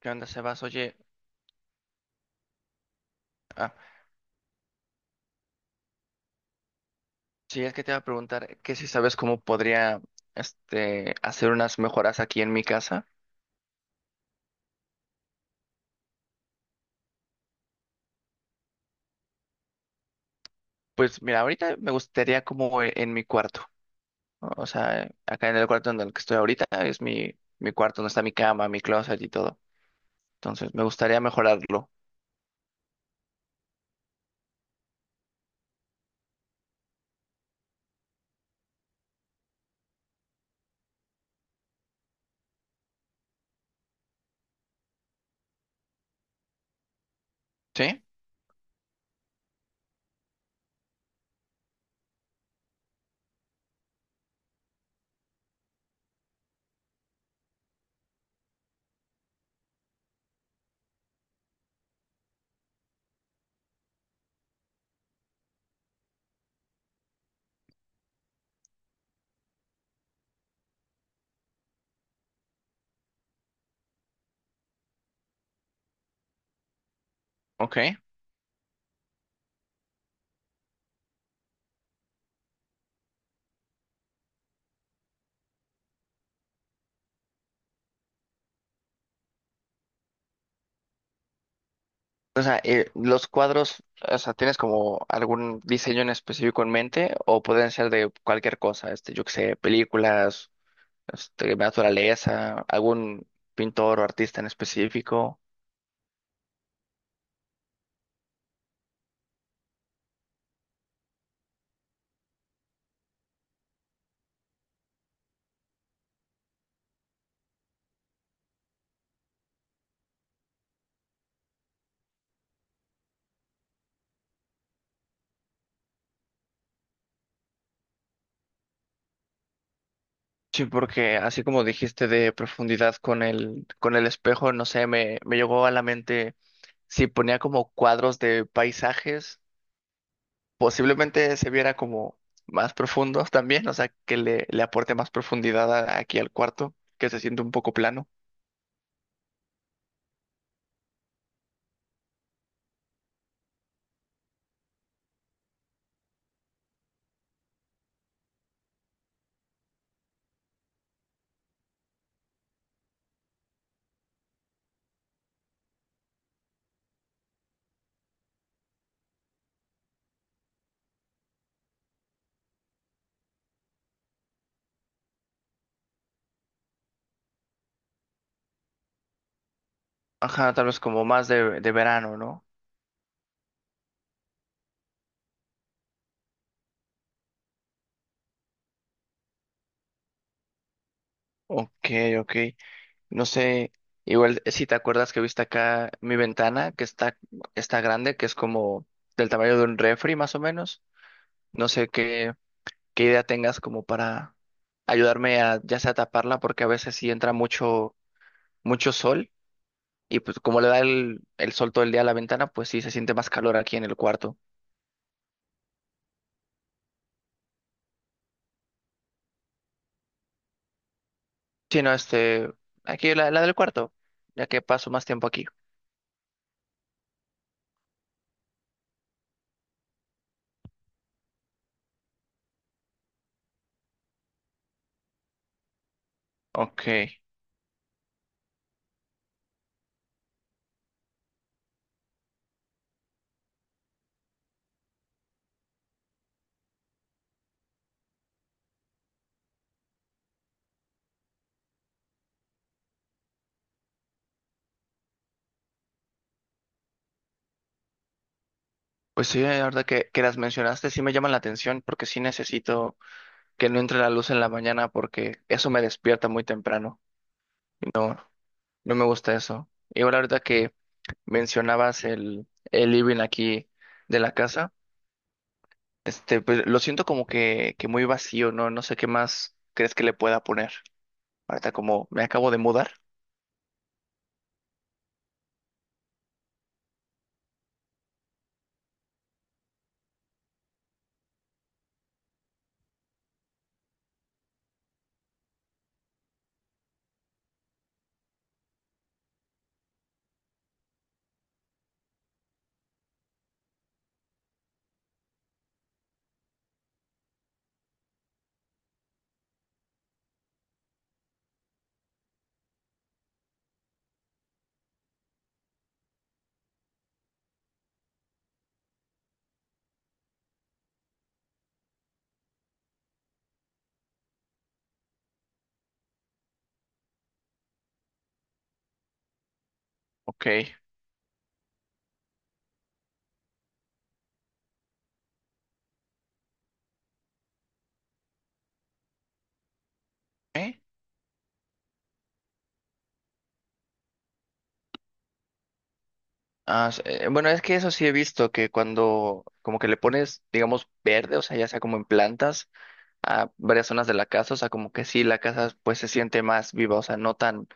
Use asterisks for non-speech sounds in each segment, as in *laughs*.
¿Qué onda, Sebas? Oye, ah, sí, es que te iba a preguntar que si sabes cómo podría hacer unas mejoras aquí en mi casa. Pues mira, ahorita me gustaría como en mi cuarto, ¿no? O sea, acá en el cuarto en el que estoy ahorita es mi cuarto, donde está mi cama, mi closet y todo. Entonces, me gustaría mejorarlo. ¿Sí? Ok. O sea, los cuadros, o sea, ¿tienes como algún diseño en específico en mente o pueden ser de cualquier cosa? Este, yo qué sé, películas, naturaleza, algún pintor o artista en específico. Sí, porque así como dijiste de profundidad con con el espejo, no sé, me llegó a la mente si ponía como cuadros de paisajes, posiblemente se viera como más profundo *laughs* también, o sea, que le aporte más profundidad aquí al cuarto, que se siente un poco plano. Ajá, tal vez como más de verano, ¿no? Ok, ok. No sé, igual si te acuerdas que viste acá mi ventana, está grande, que es como del tamaño de un refri más o menos. No sé qué, qué idea tengas como para ayudarme a ya sea taparla, porque a veces sí entra mucho sol, y pues como le da el sol todo el día a la ventana, pues sí se siente más calor aquí en el cuarto. Sí, no, aquí la del cuarto, ya que paso más tiempo aquí. Ok. Pues sí, la verdad que las mencionaste sí me llaman la atención porque sí necesito que no entre la luz en la mañana porque eso me despierta muy temprano. No me gusta eso. Y ahora ahorita que mencionabas el living aquí de la casa, este, pues lo siento como que muy vacío, ¿no? No sé qué más crees que le pueda poner. Ahorita como me acabo de mudar. Ok. ¿Eh? Bueno, es que eso sí he visto que cuando como que le pones, digamos, verde, o sea, ya sea como en plantas a varias zonas de la casa, o sea, como que sí, la casa pues se siente más viva, o sea, no tan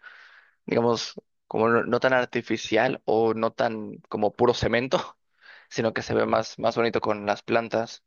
digamos, como no tan artificial o no tan como puro cemento, *laughs* sino que se ve más bonito con las plantas.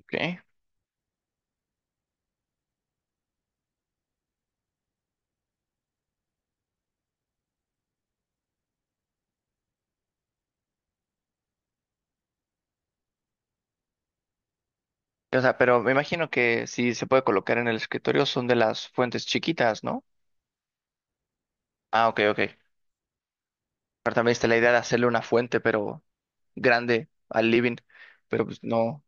Ok. O sea, pero me imagino que si se puede colocar en el escritorio son de las fuentes chiquitas, ¿no? Ah, ok, ok. Pero también está la idea de hacerle una fuente, pero grande al living. Pero pues no,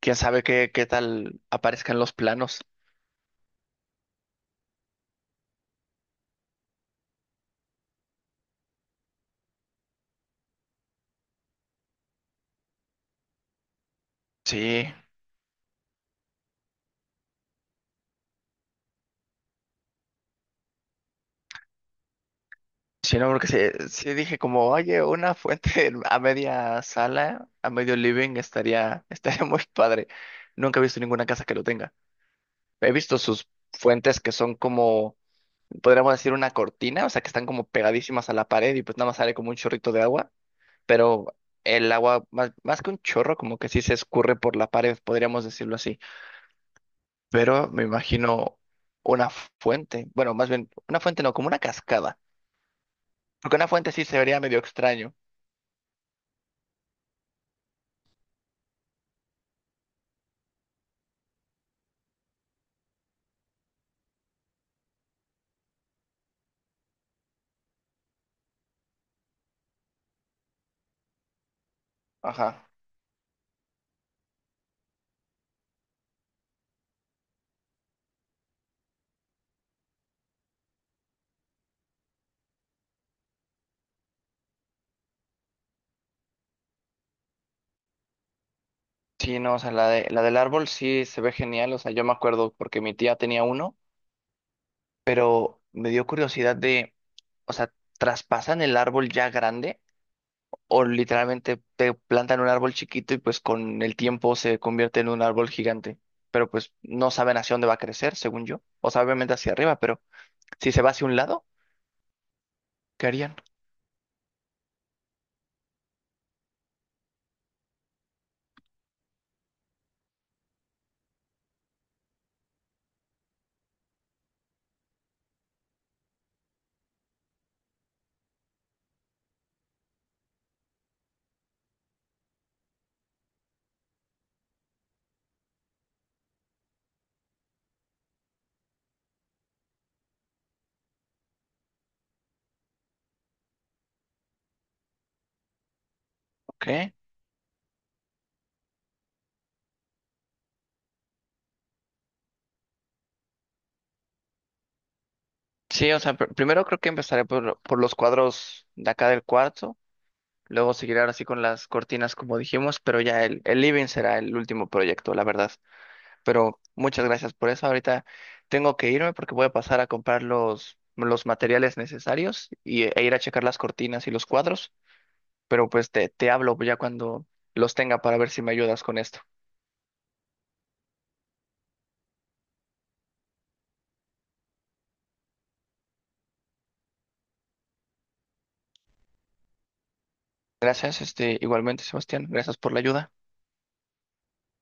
quién sabe qué tal aparezcan los planos. Sí. Sí, no, porque sí, sí dije como, oye, una fuente *laughs* a media sala, a medio living, *laughs* estaría muy padre. Nunca he visto ninguna casa que lo tenga. He visto sus fuentes que son como, podríamos decir, una cortina, o sea, que están como pegadísimas a la pared y pues nada más sale como un chorrito de agua, pero el agua, más que un chorro, como que sí se escurre por la pared, podríamos decirlo así. Pero me imagino una fuente, bueno, más bien, una fuente no, como una cascada, porque una fuente sí se vería medio extraño. Ajá. Sí, no, o sea, la la del árbol sí se ve genial, o sea, yo me acuerdo porque mi tía tenía uno, pero me dio curiosidad de, o sea, ¿traspasan el árbol ya grande o literalmente te plantan un árbol chiquito y pues con el tiempo se convierte en un árbol gigante? Pero pues no saben hacia dónde va a crecer, según yo. O sea, obviamente hacia arriba, pero si se va hacia un lado, ¿qué harían? Ok. Sí, o sea, primero creo que empezaré por los cuadros de acá del cuarto. Luego seguirá sí con las cortinas, como dijimos, pero ya el living será el último proyecto, la verdad. Pero muchas gracias por eso. Ahorita tengo que irme porque voy a pasar a comprar los materiales necesarios e ir a checar las cortinas y los cuadros. Pero pues te hablo ya cuando los tenga para ver si me ayudas con esto. Gracias, este, igualmente, Sebastián. Gracias por la ayuda.